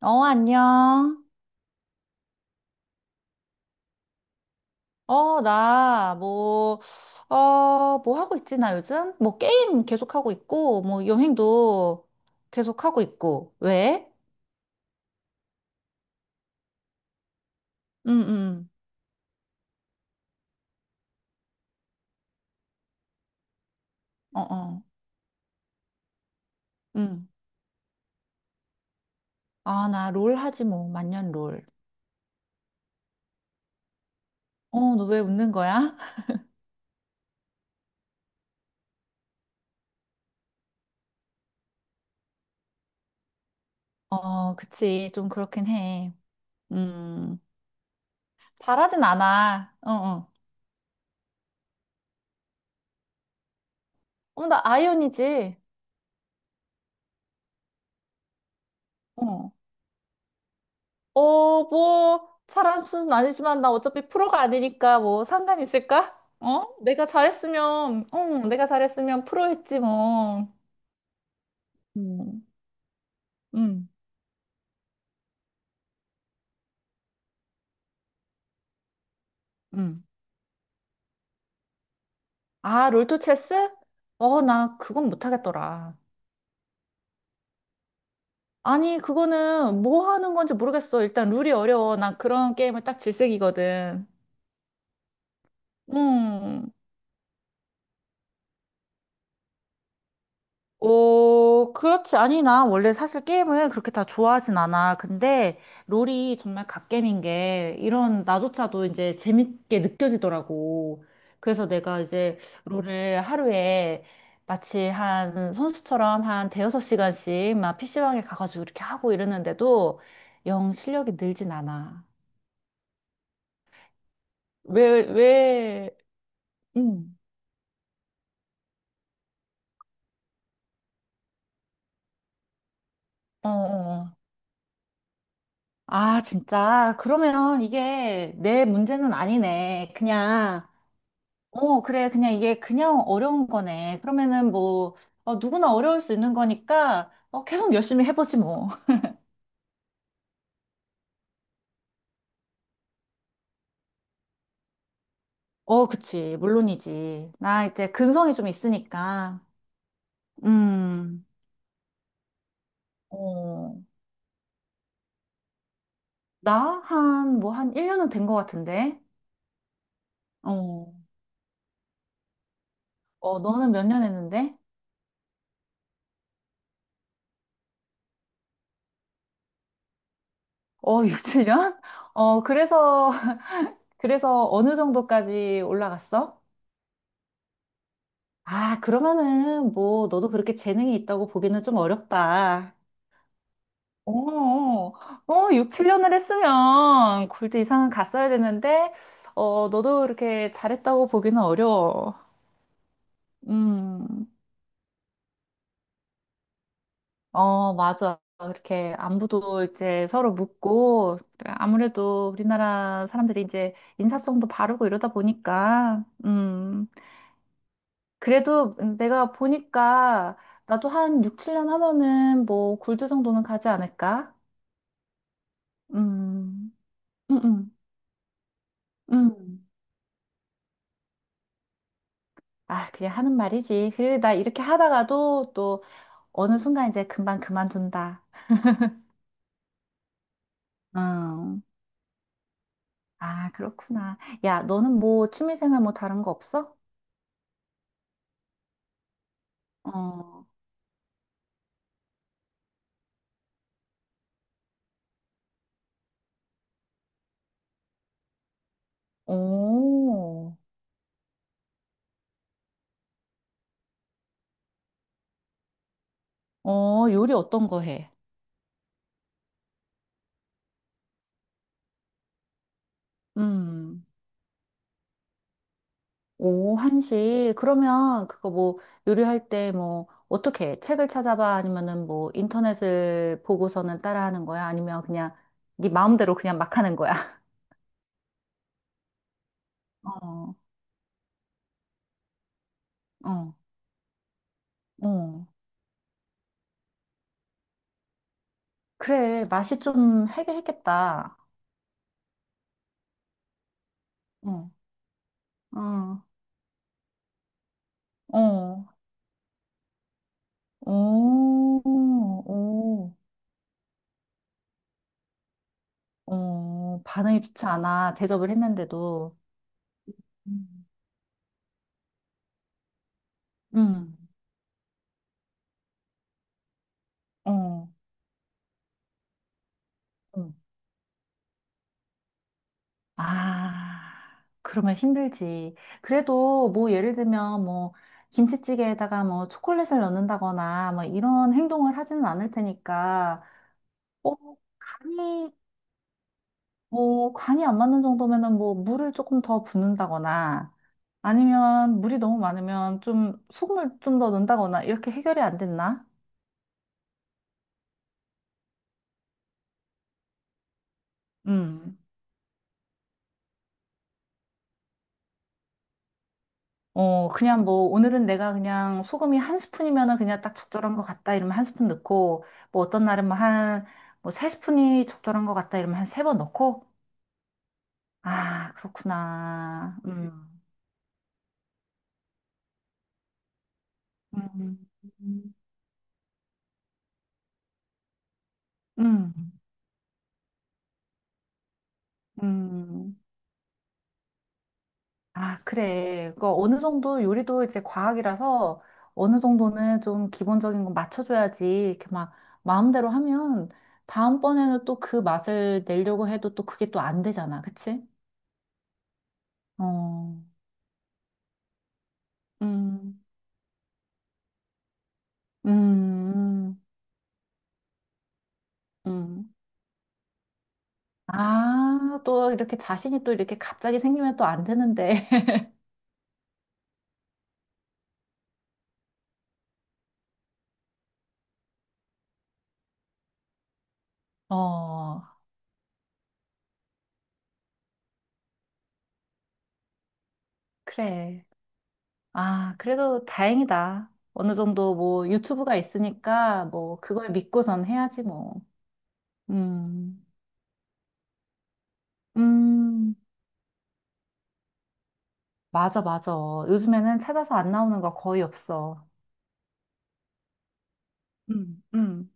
어, 안녕. 어, 나, 뭐, 어, 뭐 하고 있지, 나 요즘? 뭐, 게임 계속하고 있고, 뭐, 여행도 계속하고 있고. 왜? 응, 응, 어, 어, 응. 아, 나 롤 하지, 뭐, 만년 롤. 어, 너 왜 웃는 거야? 어, 그치, 좀 그렇긴 해. 음, 잘하진 않아. 어, 어. 어, 나 아이언이지. 어. 어, 뭐, 잘한 수준 아니지만 나 어차피 프로가 아니니까 뭐 상관 있을까? 어? 내가 잘했으면, 응, 내가 잘했으면 프로 했지 뭐. 음, 음, 음. 아, 롤토 체스? 어, 나 그건 못하겠더라. 아니, 그거는 뭐 하는 건지 모르겠어. 일단 룰이 어려워. 나 그런 게임을 딱 질색이거든. 음. 어, 그렇지. 아니, 나 원래 사실 게임을 그렇게 다 좋아하진 않아. 근데 롤이 정말 갓겜인 게 이런 나조차도 이제 재밌게 느껴지더라고. 그래서 내가 이제 롤을 하루에 마치 한 선수처럼 한 대여섯 시간씩 막 PC방에 가가지고 이렇게 하고 이러는데도 영 실력이 늘진 않아. 왜, 응. 어, 어, 어. 아, 진짜. 그러면 이게 내 문제는 아니네. 그냥. 어, 그래. 그냥 이게 그냥 어려운 거네. 그러면은 뭐, 어, 누구나 어려울 수 있는 거니까, 어, 계속 열심히 해보지 뭐. 어, 그치. 물론이지. 나 이제 근성이 좀 있으니까. 음, 어, 나 한, 뭐, 한 1년은 된 것 같은데. 어, 어, 너는 몇 년 했는데? 어, 6, 7년? 어, 그래서, 그래서 어느 정도까지 올라갔어? 아, 그러면은 뭐, 너도 그렇게 재능이 있다고 보기는 좀 어렵다. 어, 어, 6, 7년을 했으면 골드 이상은 갔어야 되는데, 어, 너도 이렇게 잘했다고 보기는 어려워. 음, 어, 맞아. 그렇게 안부도 이제 서로 묻고, 아무래도 우리나라 사람들이 이제 인사성도 바르고 이러다 보니까, 그래도 내가 보니까 나도 한 6, 7년 하면은 뭐 골드 정도는 가지 않을까? 음, 음, 음. 음. 아, 그냥 하는 말이지. 그래, 나 이렇게 하다가도 또 어느 순간 이제 금방 그만둔다. 음. 아, 그렇구나. 야, 너는 뭐 취미생활 뭐 다른 거 없어? 어, 오, 어, 요리 어떤 거 해? 음. 오, 한식. 그러면 그거 뭐 요리할 때 뭐 어떻게 해? 책을 찾아봐? 아니면은 뭐 인터넷을 보고서는 따라하는 거야? 아니면 그냥 네 마음대로 그냥 막 하는 거야? 어, 어. 어. 그래, 맛이 좀 해결했겠다. 어, 어, 어, 오, 오, 어, 반응이 좋지 않아. 대접을 했는데도. 음. 음, 어, 음. 아, 그러면 힘들지. 그래도 뭐 예를 들면 뭐 김치찌개에다가 뭐 초콜릿을 넣는다거나 뭐 이런 행동을 하지는 않을 테니까, 어, 간이, 뭐 간이 안 맞는 정도면은 뭐 물을 조금 더 붓는다거나 아니면 물이 너무 많으면 좀 소금을 좀 더 넣는다거나 이렇게 해결이 안 됐나? 음. 어, 그냥 뭐, 오늘은 내가 그냥 소금이 한 스푼이면은 그냥 딱 적절한 것 같다 이러면 한 스푼 넣고, 뭐 어떤 날은 뭐 한, 뭐 세 스푼이 적절한 것 같다 이러면 한 세 번 넣고, 아, 그렇구나. 음. 음, 음. 아, 그래. 그 어느 정도 요리도 이제 과학이라서 어느 정도는 좀 기본적인 건 맞춰줘야지. 이렇게 막 마음대로 하면 다음번에는 또 그 맛을 내려고 해도 또 그게 또 안 되잖아. 그치? 어. 음, 음, 음. 아, 또 이렇게 자신이 또 이렇게 갑자기 생기면 또 안 되는데. 어, 그래. 아, 그래도 다행이다. 어느 정도 뭐 유튜브가 있으니까 뭐 그걸 믿고선 해야지 뭐. 음, 음, 맞아, 맞아. 요즘에는 찾아서 안 나오는 거 거의 없어. 음, 음.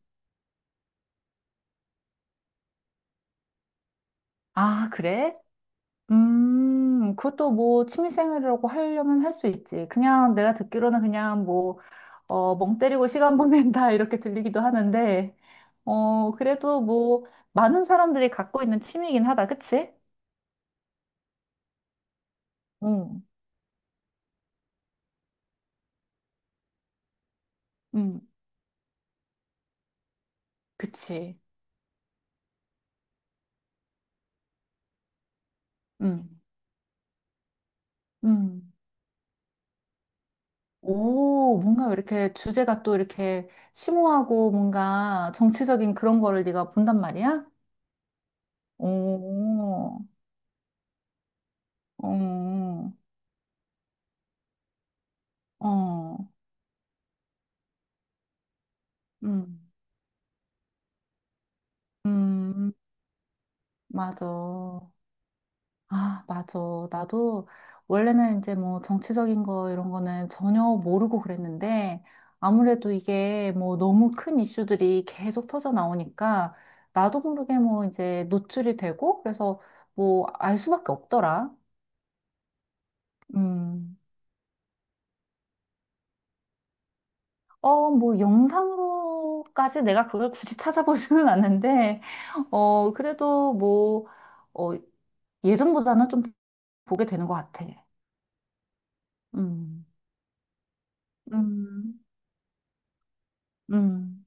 아, 그래? 그것도 뭐 취미생활이라고 하려면 할 수 있지. 그냥 내가 듣기로는 그냥 뭐, 어, 멍 때리고 시간 보낸다 이렇게 들리기도 하는데, 어, 그래도 뭐, 많은 사람들이 갖고 있는 취미이긴 하다. 그치? 응 응 그치. 응 음. 오, 뭔가 이렇게 주제가 또 이렇게 심오하고 뭔가 정치적인 그런 거를 네가 본단 말이야? 오, 어, 어, 어. 음, 음, 맞아. 아, 맞아. 나도 원래는 이제 뭐 정치적인 거 이런 거는 전혀 모르고 그랬는데 아무래도 이게 뭐 너무 큰 이슈들이 계속 터져 나오니까 나도 모르게 뭐 이제 노출이 되고 그래서 뭐 알 수밖에 없더라. 음. 어, 뭐, 영상으로까지 내가 그걸 굳이 찾아보지는 않는데, 어, 그래도 뭐, 어, 예전보다는 좀 보게 되는 것 같아. 음. 음, 음.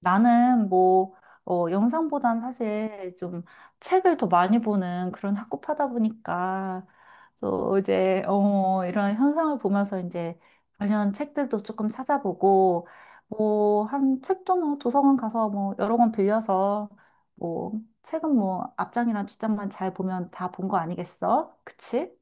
나는 뭐, 어, 영상보단 사실 좀 책을 더 많이 보는 그런 학구파다 보니까 또 이제, 어, 이런 현상을 보면서 이제 관련 책들도 조금 찾아보고 뭐, 한 책도 뭐 도서관 가서 뭐 여러 권 빌려서 뭐, 책은 뭐 앞장이랑 뒷장만 잘 보면 다 본 거 아니겠어? 그치?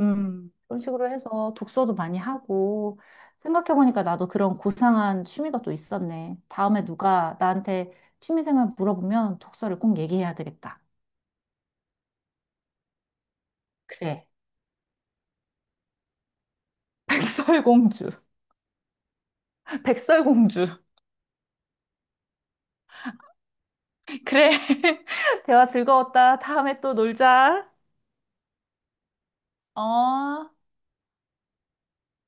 그런 식으로 해서 독서도 많이 하고, 생각해보니까 나도 그런 고상한 취미가 또 있었네. 다음에 누가 나한테 취미생활 물어보면 독서를 꼭 얘기해야 되겠다. 그래. 백설공주. 백설공주. 그래. 대화 즐거웠다. 다음에 또 놀자. 어.